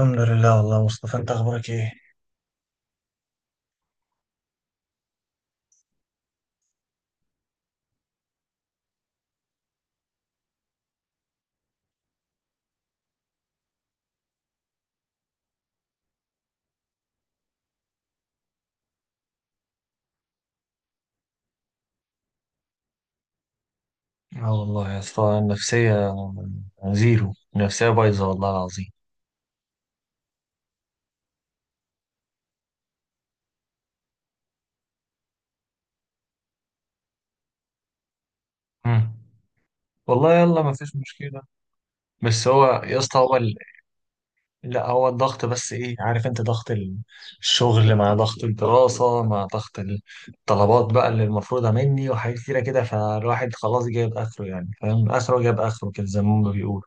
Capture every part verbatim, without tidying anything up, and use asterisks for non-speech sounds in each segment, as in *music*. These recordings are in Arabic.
الحمد لله، والله مصطفى انت اخبارك ايه؟ اه، والله يا اسطى، النفسية زيرو. النفسية بايظة والله العظيم. مم. والله يلا ما فيش مشكلة. بس هو يا اسطى هو ال... لا، هو الضغط. بس ايه، عارف انت، ضغط ال- الشغل مع ضغط الدراسة مع ضغط الطلبات بقى اللي المفروضة مني وحاجات كتيرة كده، فالواحد خلاص جايب اخره، يعني فاهم اخره جايب اخره كده زي ما هما بيقولوا.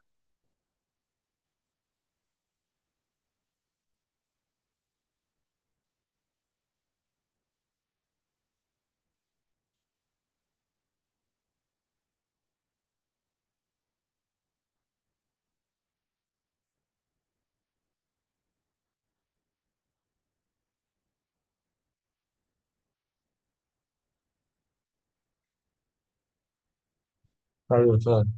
ايوه فعلا،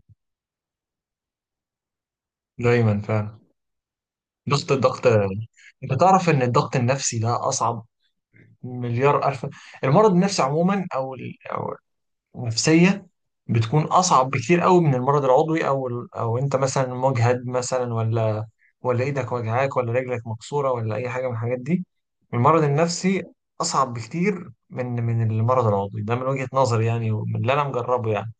دايما فعلا. ضغط الضغط. انت تعرف ان الضغط النفسي ده اصعب مليار ألف. المرض النفسي عموما، أو ال- أو النفسية، بتكون أصعب بكتير قوي من المرض العضوي، أو ال- أو أنت مثلا مجهد مثلا، ولا ولا إيدك وجعاك، ولا رجلك مكسورة، ولا أي حاجة من الحاجات دي. المرض النفسي أصعب بكتير من من المرض العضوي، ده من وجهة نظري يعني، ومن اللي أنا مجربه يعني.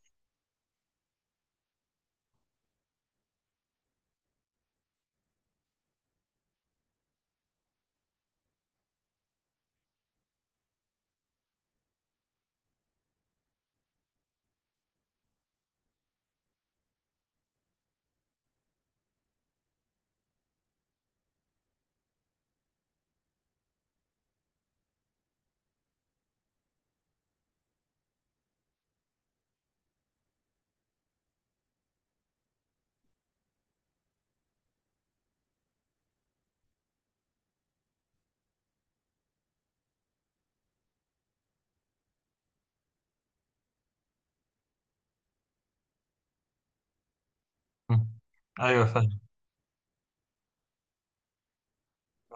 م. أيوه فاهم.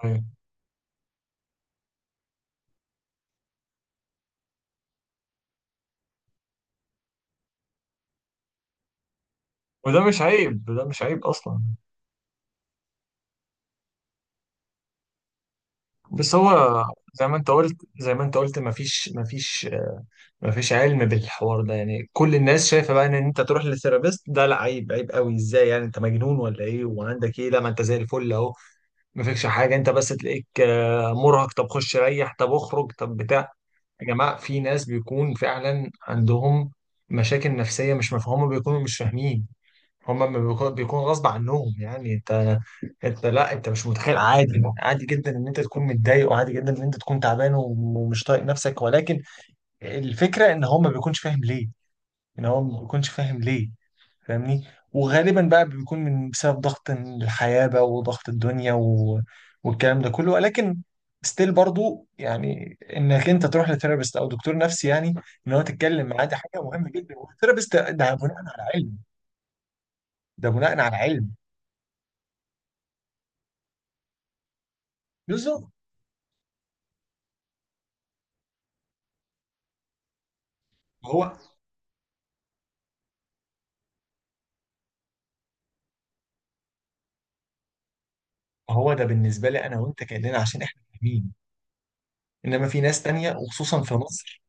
أيوه. وده مش عيب، ده مش عيب أصلا. بس هو زي ما أنت قلت زي ما أنت قلت مفيش مفيش مفيش علم بالحوار ده. يعني كل الناس شايفه بقى ان انت تروح للثيرابيست ده لا، عيب، عيب قوي، ازاي يعني انت مجنون ولا ايه وعندك ايه؟ لا، ما انت زي الفل اهو، ما فيكش حاجه، انت بس تلاقيك آه، مرهق. طب خش ريح، طب اخرج، طب بتاع. يا جماعه في ناس بيكون فعلا عندهم مشاكل نفسيه مش مفهومه، بيكونوا مش فاهمين. هما ما بيكون بيكون غصب عنهم يعني. انت، انت لا، انت مش متخيل، عادي، عادي جدا ان انت تكون متضايق، وعادي جدا ان انت تكون تعبان ومش طايق نفسك. ولكن الفكرة ان هو ما بيكونش فاهم ليه، ان هو ما بيكونش فاهم ليه، فاهمني. وغالبا بقى بيكون من بسبب ضغط الحياة بقى وضغط الدنيا و... والكلام ده كله. ولكن ستيل برضو يعني، انك انت تروح لثيرابيست او دكتور نفسي، يعني ان هو تتكلم معاه، دي حاجة مهمة جدا. والثيرابيست ده بناء على علم، ده بناء على علم. بالظبط. هو هو ده بالنسبة لي انا وانت كأننا عشان احنا فاهمين. انما في ناس تانية، وخصوصا في مصر.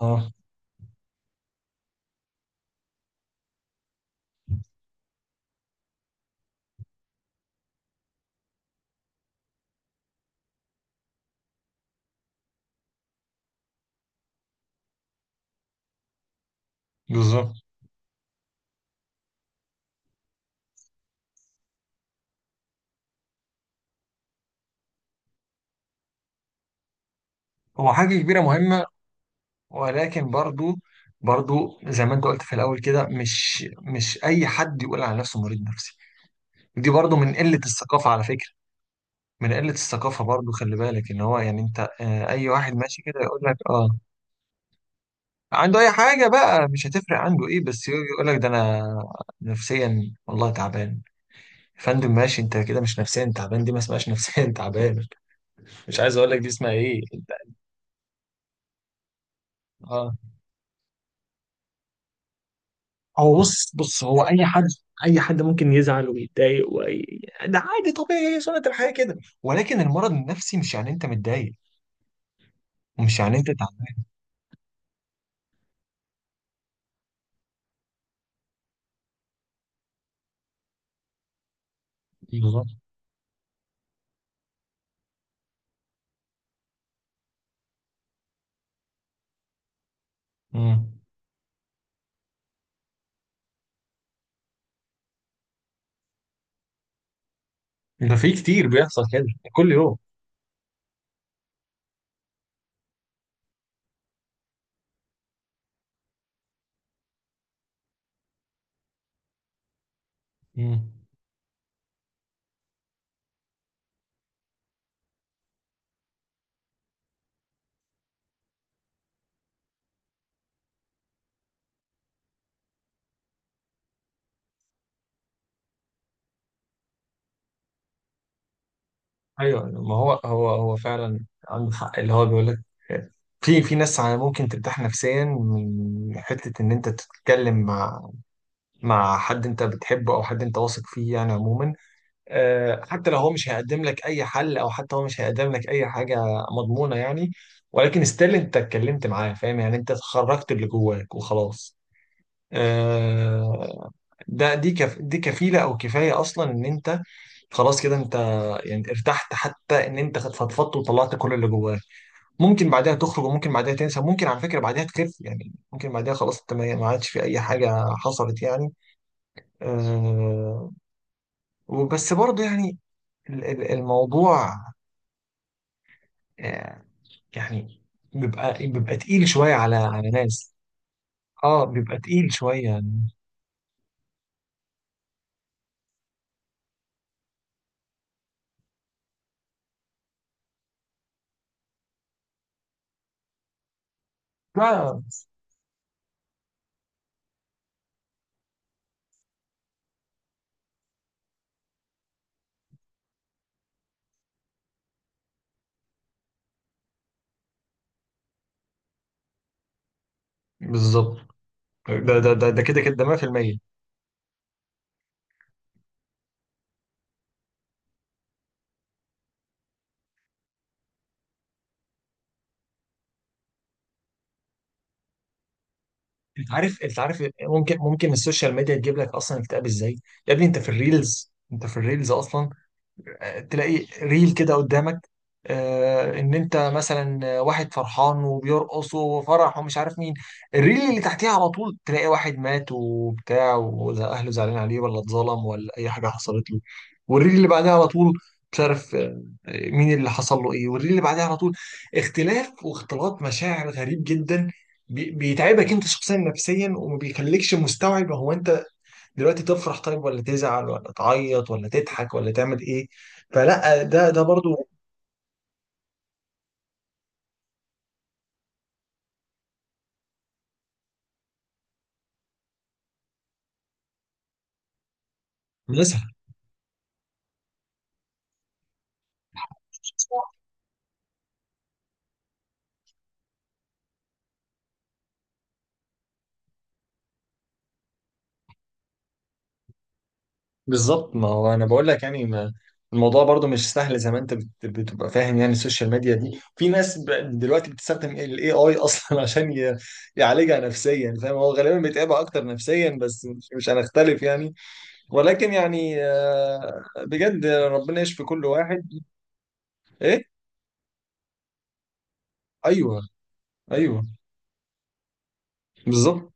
اه، بالظبط. هو حاجة كبيرة مهمة. ولكن برضو، برضو زي ما انت قلت في الاول كده مش مش اي حد يقول على نفسه مريض نفسي. دي برضو من قله الثقافه على فكره، من قله الثقافه. برضو خلي بالك ان هو يعني انت، آه، اي واحد ماشي كده يقول لك اه، عنده اي حاجه بقى مش هتفرق عنده ايه، بس يقول لك ده انا نفسيا والله تعبان. يا فندم ماشي، انت كده مش نفسيا تعبان، دي ما اسمهاش نفسيا تعبان. مش عايز اقول لك دي اسمها ايه. اه، هو بص بص، هو اي حد، اي حد ممكن يزعل ويتضايق وي... ده عادي طبيعي، هي سنة الحياة كده. ولكن المرض النفسي مش يعني انت متضايق، ومش يعني انت تعبان. بالظبط. مم. ده في كتير بيحصل كده كل يوم. مم. ايوه، ما هو هو هو فعلا عنده حق اللي هو بيقول لك. في في ناس على ممكن ترتاح نفسيا من حته ان انت تتكلم مع مع حد انت بتحبه او حد انت واثق فيه، يعني عموما. آه، حتى لو هو مش هيقدم لك اي حل، او حتى هو مش هيقدم لك اي حاجه مضمونه يعني. ولكن ستيل انت اتكلمت معاه، فاهم يعني، انت خرجت اللي جواك وخلاص. آه، ده دي كف دي كفيله او كفايه اصلا ان انت خلاص كده انت، يعني ارتحت حتى ان انت فضفضت وطلعت كل اللي جواك. ممكن بعدها تخرج، وممكن بعدها تنسى، ممكن على فكره بعدها تخف يعني، ممكن بعدها خلاص انت ما ما عادش في اي حاجه حصلت يعني. آه، وبس برضه يعني ال- ال- الموضوع، آه، يعني بيبقى بيبقى تقيل شوية على على ناس. اه، بيبقى تقيل شوية يعني. لا، بالظبط. ده ده ده ده كده كده ده مية في المية. انت عارف انت عارف ممكن ممكن السوشيال ميديا تجيب لك اصلا اكتئاب ازاي. يا ابني انت في الريلز انت في الريلز اصلا تلاقي ريل كده قدامك، آه، ان انت مثلا واحد فرحان وبيرقص وفرح ومش عارف مين. الريل اللي تحتيها على طول تلاقي واحد مات وبتاع، واهله زعلانين عليه، ولا اتظلم، ولا اي حاجه حصلت له. والريل اللي بعدها على طول مش عارف آه، مين اللي حصل له ايه. والريل اللي بعدها على طول اختلاف واختلاط مشاعر غريب جدا. بي- بيتعبك انت شخصيا نفسيا، وما بيخليكش مستوعب هو انت دلوقتي تفرح طيب، ولا تزعل، ولا تعيط، ولا تضحك، ولا تعمل ايه. فلا، ده ده برضو نسهل. بالظبط، ما هو انا بقول لك يعني، ما الموضوع برضو مش سهل زي ما انت بت- بتبقى فاهم يعني. السوشيال ميديا دي في ناس ب- دلوقتي بتستخدم الاي اي اصلا *laughs* عشان ي- يعالجها نفسيا، فاهم، هو غالبا بيتعبها اكتر نفسيا، بس مش مش هنختلف يعني. ولكن يعني، آه، بجد ربنا يشفي كل واحد. ايه، ايوه، ايوه، بالظبط.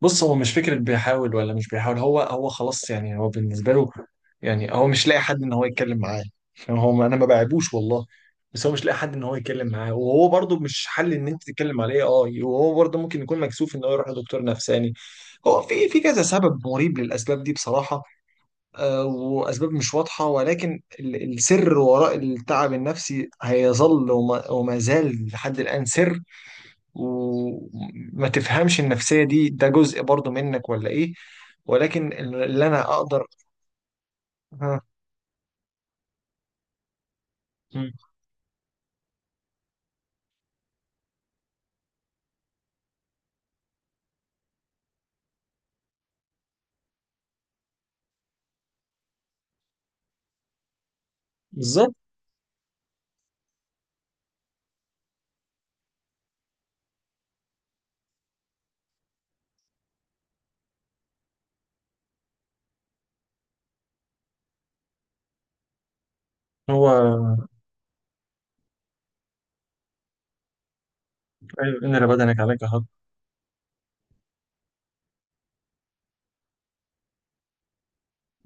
بص، هو مش فكرة بيحاول ولا مش بيحاول، هو هو خلاص يعني، هو بالنسبة له يعني هو مش لاقي حد ان هو يتكلم معاه. يعني هو انا ما بعيبوش والله، بس هو مش لاقي حد ان هو يتكلم معاه، وهو برضه مش حل ان انت تتكلم عليه، اه، وهو برضه ممكن يكون مكسوف ان هو يروح لدكتور نفساني. هو في في كذا سبب مريب للاسباب دي، بصراحة. آه، واسباب مش واضحة، ولكن ال- السر وراء التعب النفسي هيظل، وما, وما زال لحد الان سر. وما تفهمش النفسية دي، ده جزء برضو منك ولا ايه. ولكن اللي انا اقدر. ها. مم. بالظبط. هو أيوة، ان بدنك عليك حق.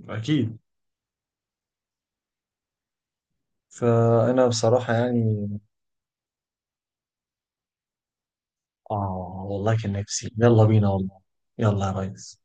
اكيد. فانا بصراحه يعني اه والله كان نفسي، يلا بينا والله. يلا يا ريس.